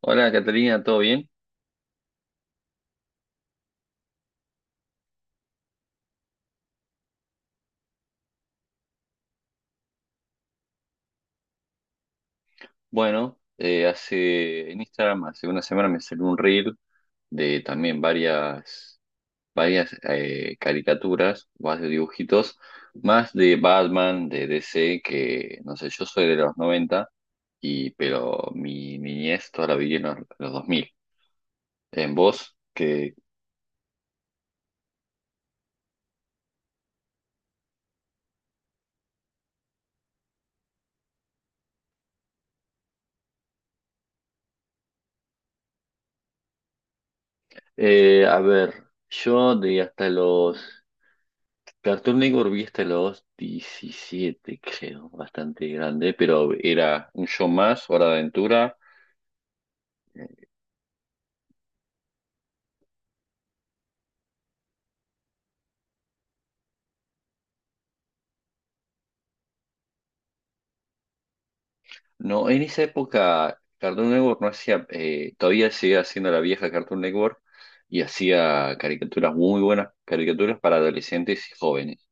Hola, Catalina, ¿todo bien? Bueno, hace en Instagram, hace una semana me salió un reel de también varias caricaturas, más de dibujitos, más de Batman, de DC, que no sé, yo soy de los 90 pero mi niñez toda la viví en los 2000. En vos, que... a ver, yo de hasta los Cartoon Network vi hasta los 17, creo, bastante grande, pero era un show más, Hora de Aventura. No, en esa época Cartoon Network no hacía, todavía seguía haciendo la vieja Cartoon Network y hacía caricaturas muy buenas, caricaturas para adolescentes y jóvenes.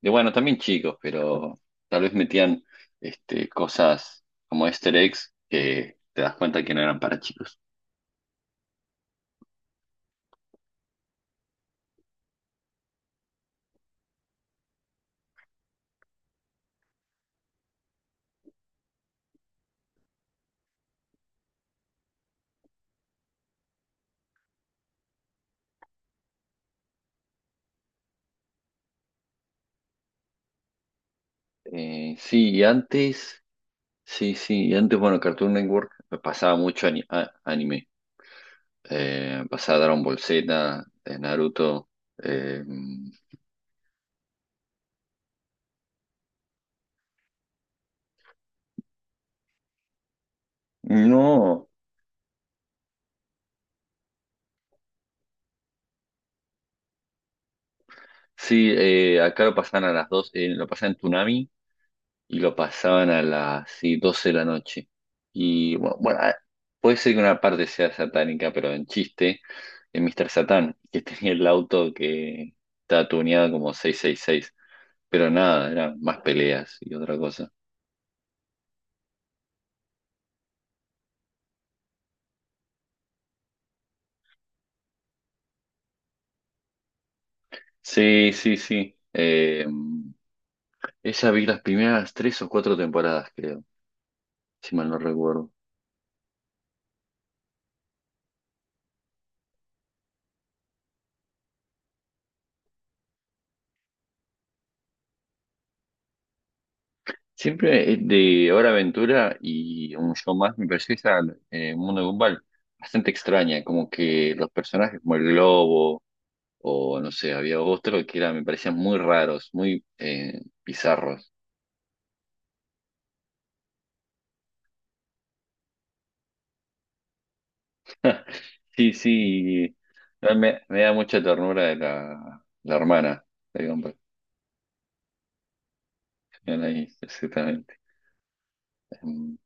De bueno, también chicos, pero tal vez metían este, cosas como Easter eggs que te das cuenta que no eran para chicos. Sí, y antes. Sí, sí, y antes, bueno, Cartoon Network pasaba mucho anime. Pasaba Dragon Ball Z, Naruto. eh, no, sí, acá lo pasaban a las 2. Lo pasaban en Toonami y lo pasaban a las, sí, 12 de la noche. Y bueno, bueno, ah, puede ser que una parte sea satánica, pero en chiste, en Mr. Satán, que tenía el auto que estaba tuneado como 666. Pero nada, eran más peleas y otra cosa. Sí, sí, sí. Esa vi las primeras tres o cuatro temporadas, creo, si mal no recuerdo. Siempre, de Hora Aventura y un show más me pareció esa, Mundo de Gumball, bastante extraña, como que los personajes como el globo, o no sé, había otro que era, me parecían muy raros, muy, bizarros. Sí, sí, no, me da mucha ternura de la hermana de Gumball. Ahí, exactamente. Em,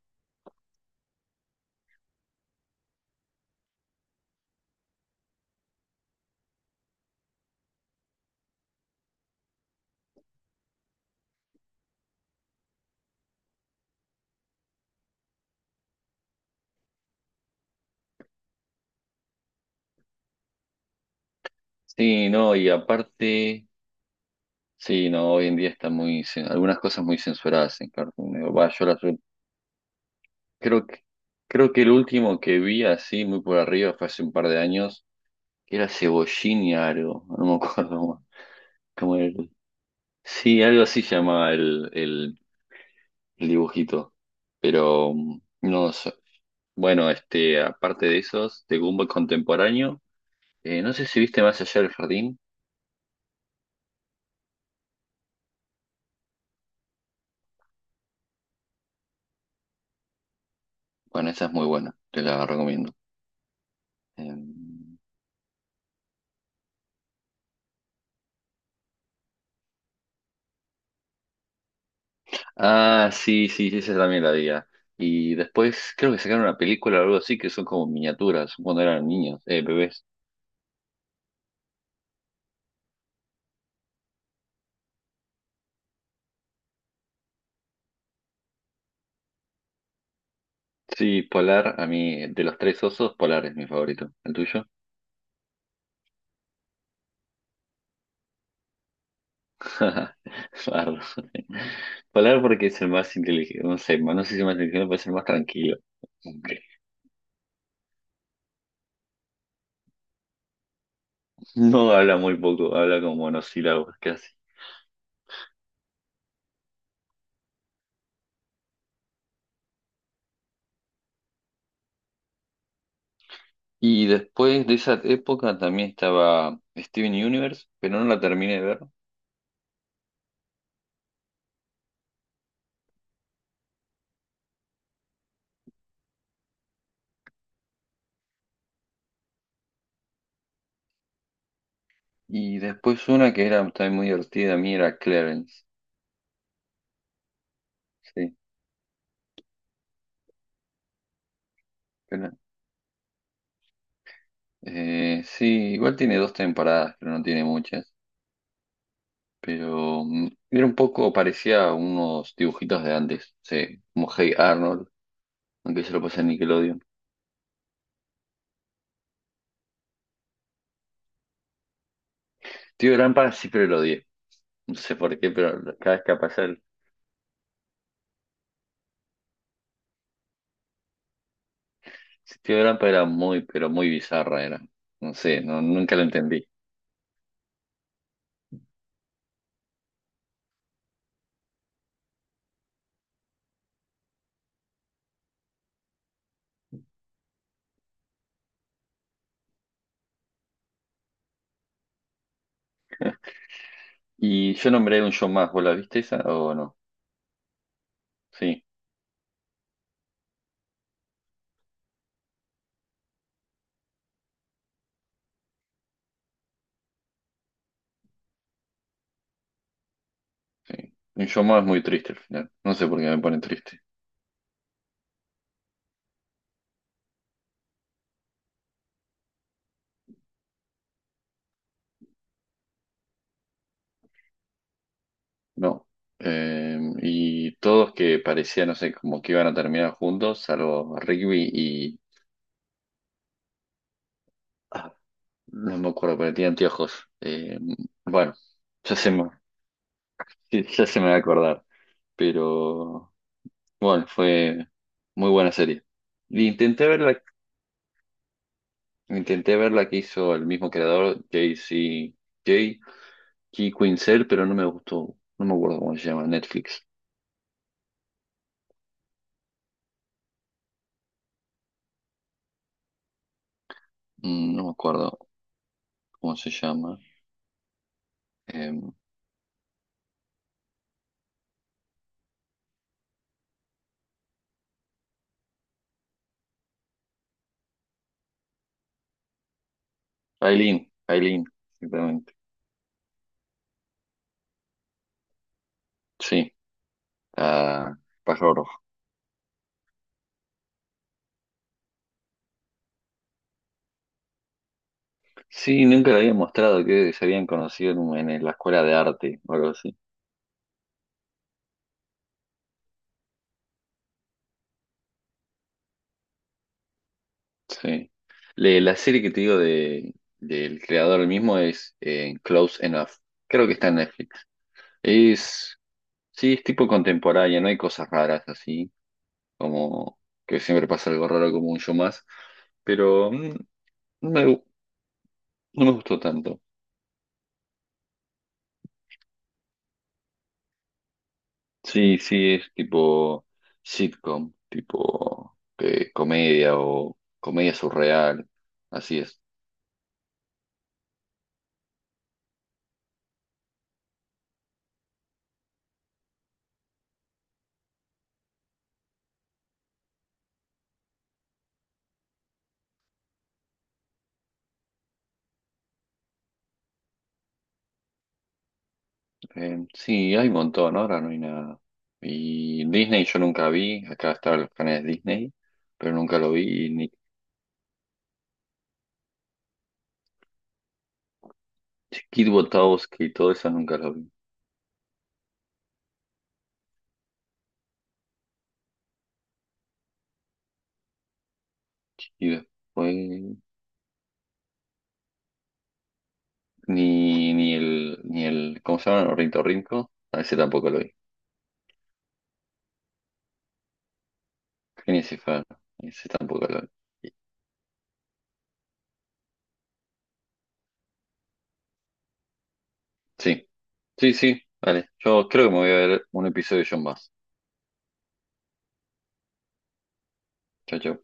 Sí, no, y aparte, sí, no, hoy en día están muy, algunas cosas muy censuradas en Cartoon Network. Va, creo que, creo que el último que vi así, muy por arriba, fue hace un par de años, que era Cebollín y algo, no me acuerdo cómo era. Sí, algo así llamaba el dibujito, pero no sé. Bueno, este, aparte de esos, de Gumball contemporáneo, no sé si viste Más allá del jardín, bueno, esa es muy buena, te la recomiendo. Em, Ah, sí, sí, sí, esa también la había. Y después creo que sacaron una película o algo así que son como miniaturas, cuando eran niños, bebés. Sí, Polar, a mí, de los tres osos, Polar es mi favorito. ¿El tuyo? Bardo. Polar porque es el más inteligente, no sé, no sé si el más inteligente, pero es el más tranquilo. Ok. No habla muy poco, habla con monosílabos casi. Y después de esa época también estaba Steven Universe, pero no la terminé de ver. Y después una que era también muy divertida a mí era Clarence. Sí, pero, sí, igual tiene dos temporadas, pero no tiene muchas. Pero era un poco, parecía a unos dibujitos de antes. Sí, como Hey Arnold, aunque yo lo pasé en Nickelodeon. Tío de siempre lo odié. No sé por qué, pero cada vez que pasaba el, sí, Tío de era muy, pero muy bizarra era. No sé, no, nunca lo entendí. Y yo nombré un show más, ¿vos la viste esa o no? Sí. Sí. Inshouma es muy triste al final. No sé por qué me pone triste. No. Y todos que parecían, no sé, como que iban a terminar juntos, salvo Rigby y... ah, no me acuerdo, pero tenía anteojos. Bueno, ya se me, sí, ya se me va a acordar. Pero bueno, fue muy buena serie. Y intenté ver la que hizo el mismo creador, J.C. J. K. Quinzel, pero no me gustó. No me acuerdo cómo se llama, Netflix. No me acuerdo. ¿Cómo se llama? Eh, Aileen, Aileen, exactamente. Sí, la pájaro rojo. Sí, nunca la había mostrado, que se habían conocido en, en la escuela de arte o algo así. Sí. La serie que te digo de, del creador mismo es, Close Enough. Creo que está en Netflix. Es, sí, es tipo contemporánea, no hay cosas raras así, como que siempre pasa algo raro como un show más, pero no me, no me gustó tanto. Sí, sí, es tipo sitcom, tipo, comedia o comedia surreal. Así es. Sí, hay un montón, ahora no hay nada. Y Disney yo nunca vi, acá estaban los canales de Disney, pero nunca lo vi, y ni Kid Botowski y todo eso nunca lo vi. Y después, ni el, ¿cómo se llama? Ornitorrinco, a ese tampoco lo vi. Phineas y Ferb, ese tampoco lo vi. Sí. Sí, sí, vale. Yo creo que me voy a ver un episodio yo más. Chao, chao.